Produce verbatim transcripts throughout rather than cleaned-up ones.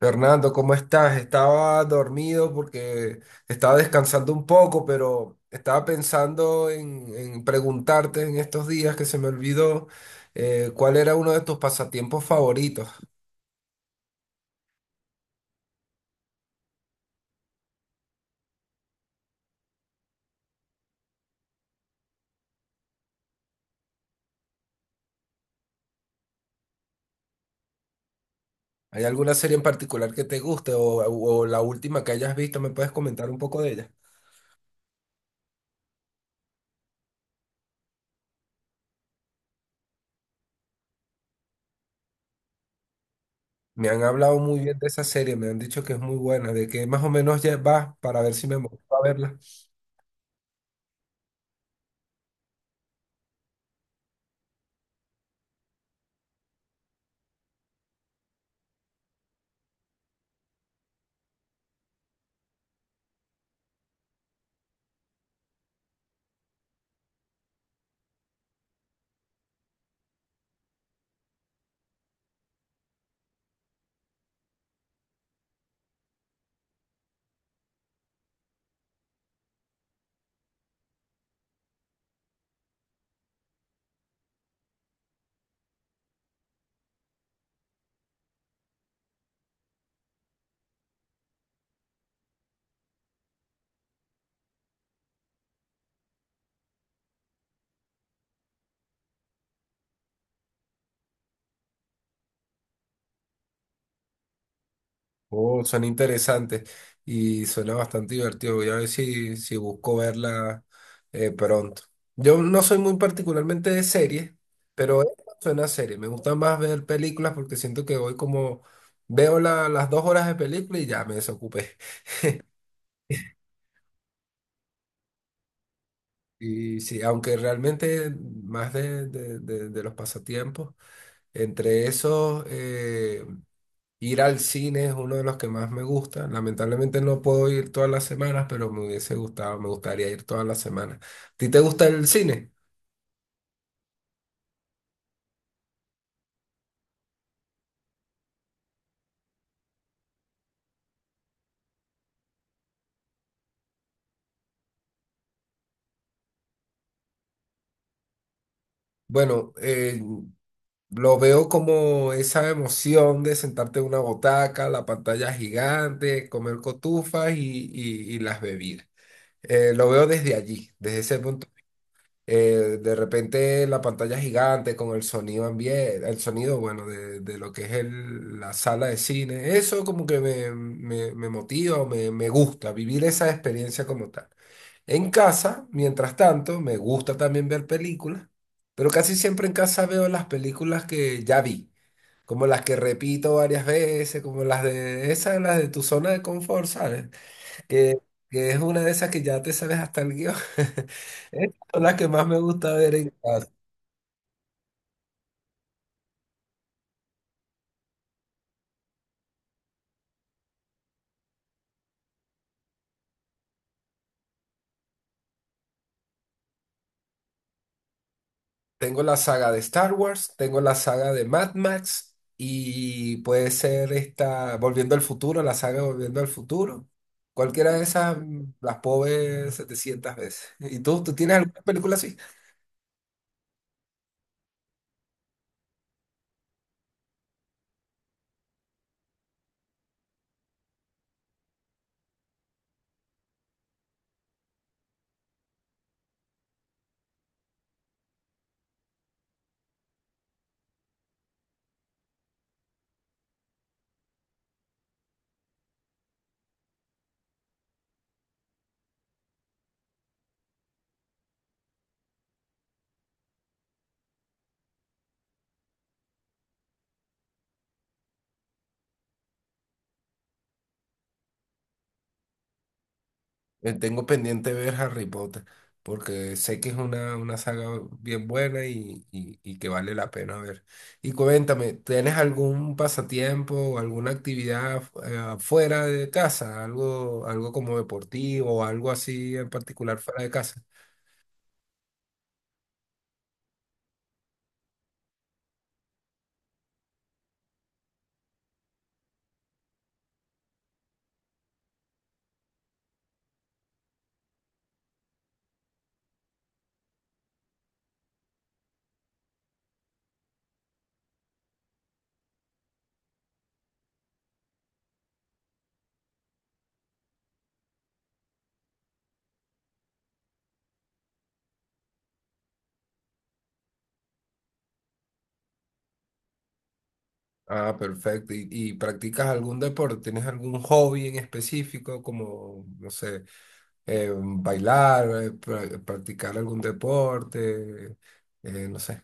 Fernando, ¿cómo estás? Estaba dormido porque estaba descansando un poco, pero estaba pensando en, en preguntarte en estos días que se me olvidó eh, cuál era uno de tus pasatiempos favoritos. ¿Hay alguna serie en particular que te guste o, o la última que hayas visto? ¿Me puedes comentar un poco de ella? Me han hablado muy bien de esa serie, me han dicho que es muy buena, de que más o menos ya vas para ver si me motivo a verla. Oh, suena interesante y suena bastante divertido. Voy a ver si, si busco verla eh, pronto. Yo no soy muy particularmente de series, pero esta suena a serie. Me gusta más ver películas porque siento que voy como veo la- las dos horas de película y ya me desocupé. Y sí, aunque realmente más de, de- de- de los pasatiempos, entre esos eh, ir al cine es uno de los que más me gusta. Lamentablemente no puedo ir todas las semanas, pero me hubiese gustado, me gustaría ir todas las semanas. ¿A ti te gusta el cine? Bueno, eh, lo veo como esa emoción de sentarte en una botaca, la pantalla gigante, comer cotufas y, y- y las bebidas. Eh, lo veo desde allí, desde ese punto. Eh, de repente la pantalla gigante con el sonido ambiente, el sonido, bueno, de, de lo que es el- la sala de cine, eso como que me, me, me motiva o me, me gusta vivir esa experiencia como tal. En casa, mientras tanto, me gusta también ver películas, pero casi siempre en casa veo las películas que ya vi, como las que repito varias veces, como las de esas, las de tu zona de confort, ¿sabes? que, que es una de esas que ya te sabes hasta el guión. Estas son las que más me gusta ver en casa. Tengo la saga de Star Wars, tengo la saga de Mad Max y puede ser esta Volviendo al Futuro, la saga Volviendo al Futuro. Cualquiera de esas mm, las puedo ver setecientas veces. ¿Y tú, tú tienes alguna película así? Eh, Tengo pendiente ver Harry Potter, porque sé que es una, una saga bien buena y, y- y que vale la pena ver. Y cuéntame, ¿tienes algún pasatiempo o alguna actividad eh, fuera de casa? ¿Algo, ¿algo como deportivo o algo así en particular fuera de casa? Ah, perfecto. ¿Y, y practicas algún deporte? ¿Tienes algún hobby en específico como, no sé, eh, bailar, eh, pra- practicar algún deporte? Eh, no sé.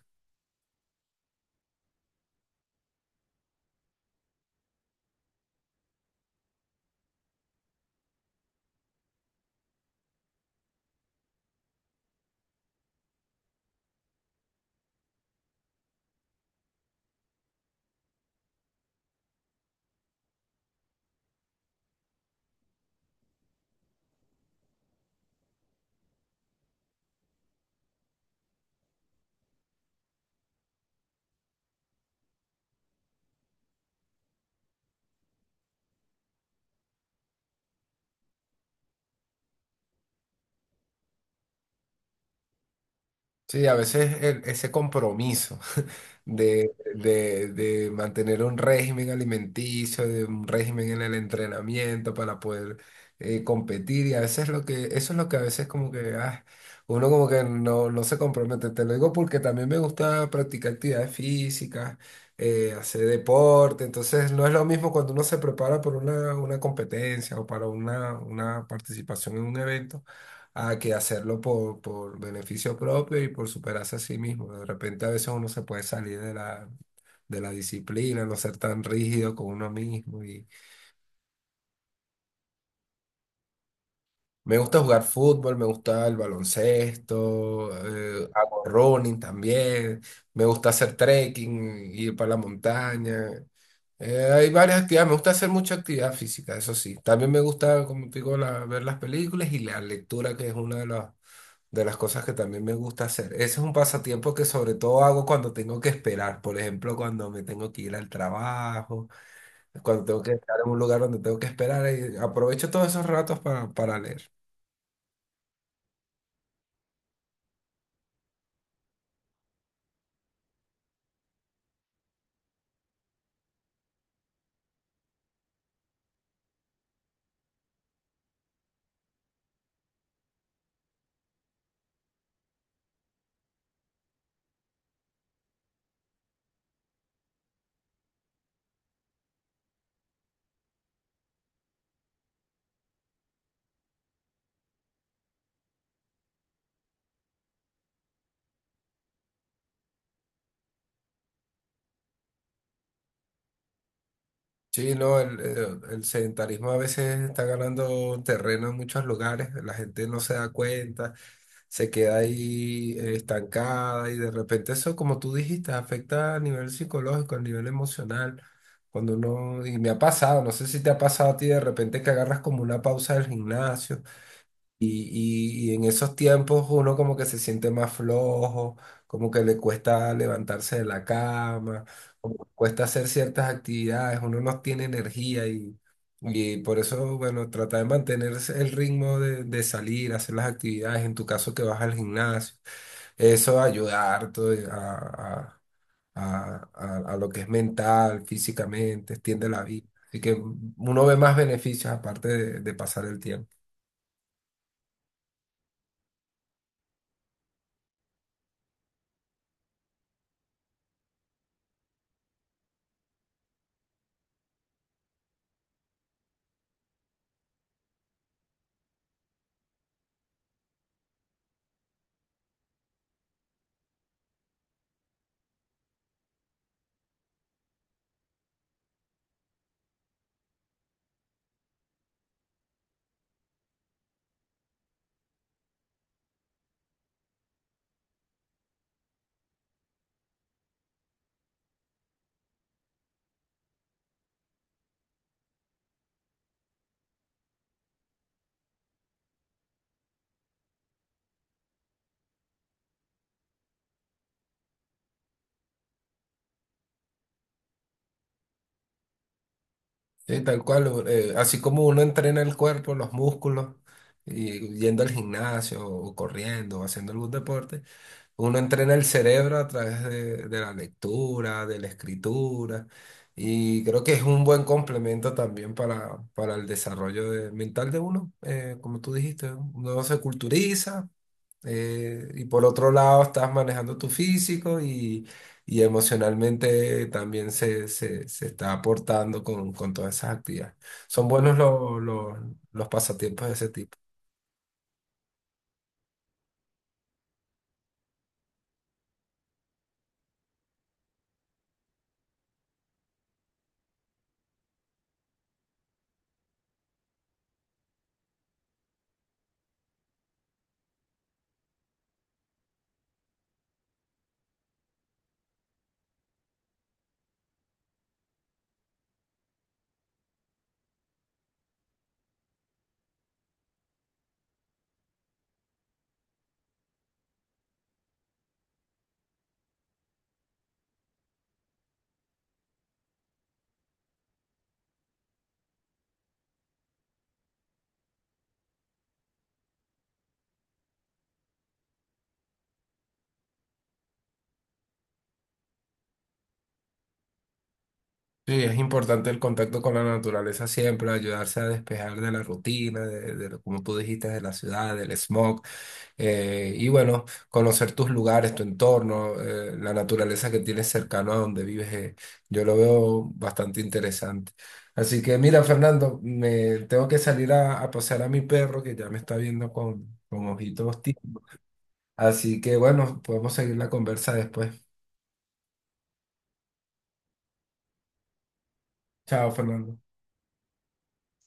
Sí, a veces el- ese compromiso de, de- de mantener un régimen alimenticio, de un régimen en el entrenamiento para poder eh, competir, y a veces lo que, eso es lo que a veces como que ah, uno como que no, no se compromete. Te lo digo porque también me gusta practicar actividades físicas, eh, hacer deporte, entonces no es lo mismo cuando uno se prepara por una, una competencia o para una, una participación en un evento a que hacerlo por, por beneficio propio y por superarse a sí mismo. De repente a veces uno se puede salir de la, de la disciplina, no ser tan rígido con uno mismo. Y me gusta jugar fútbol, me gusta el baloncesto, eh, hago running también, me gusta hacer trekking, ir para la montaña. Eh, hay varias actividades, me gusta hacer mucha actividad física, eso sí. También me gusta, como te digo, la- ver las películas y la lectura, que es una de las, de las cosas que también me gusta hacer. Ese es un pasatiempo que sobre todo hago cuando tengo que esperar, por ejemplo, cuando me tengo que ir al trabajo, cuando tengo que estar en un lugar donde tengo que esperar, y aprovecho todos esos ratos para, para leer. Sí, no, el, el- el sedentarismo a veces está ganando terreno en muchos lugares, la gente no se da cuenta, se queda ahí eh, estancada y de repente eso, como tú dijiste, afecta a nivel psicológico, a nivel emocional, cuando uno, y me ha pasado, no sé si te ha pasado a ti de repente que agarras como una pausa del gimnasio y, y- y en esos tiempos uno como que se siente más flojo, como que le cuesta levantarse de la cama, como que cuesta hacer ciertas actividades, uno no tiene energía y, y por eso, bueno, trata de mantener el ritmo de, de salir, hacer las actividades, en tu caso que vas al gimnasio, eso va a ayudar harto de- a, a, a, a- a lo que es mental, físicamente, extiende la vida. Así que uno ve más beneficios aparte de de pasar el tiempo. Sí, tal cual, u- eh, así como uno entrena el cuerpo, los músculos, y yendo al gimnasio o corriendo o haciendo algún deporte, uno entrena el cerebro a través de, de la lectura, de la escritura, y creo que es un buen complemento también para, para el desarrollo de- mental de uno. eh, como tú dijiste, uno se culturiza, eh, y por otro lado, estás manejando tu físico y, y emocionalmente también se, se, se está aportando con, con todas esas actividades. Son buenos los los- los pasatiempos de ese tipo. Sí, es importante el contacto con la naturaleza siempre, ayudarse a despejar de la rutina, de, de lo- como tú dijiste, de la ciudad, del smog, eh, y bueno, conocer tus lugares, tu entorno, eh, la naturaleza que tienes cercano a donde vives, eh, yo lo veo bastante interesante. Así que mira, Fernando, me tengo que salir a, a pasear a mi perro que ya me está viendo con, con ojitos tímidos. Así que bueno, podemos seguir la conversa después. Chao, Fernando.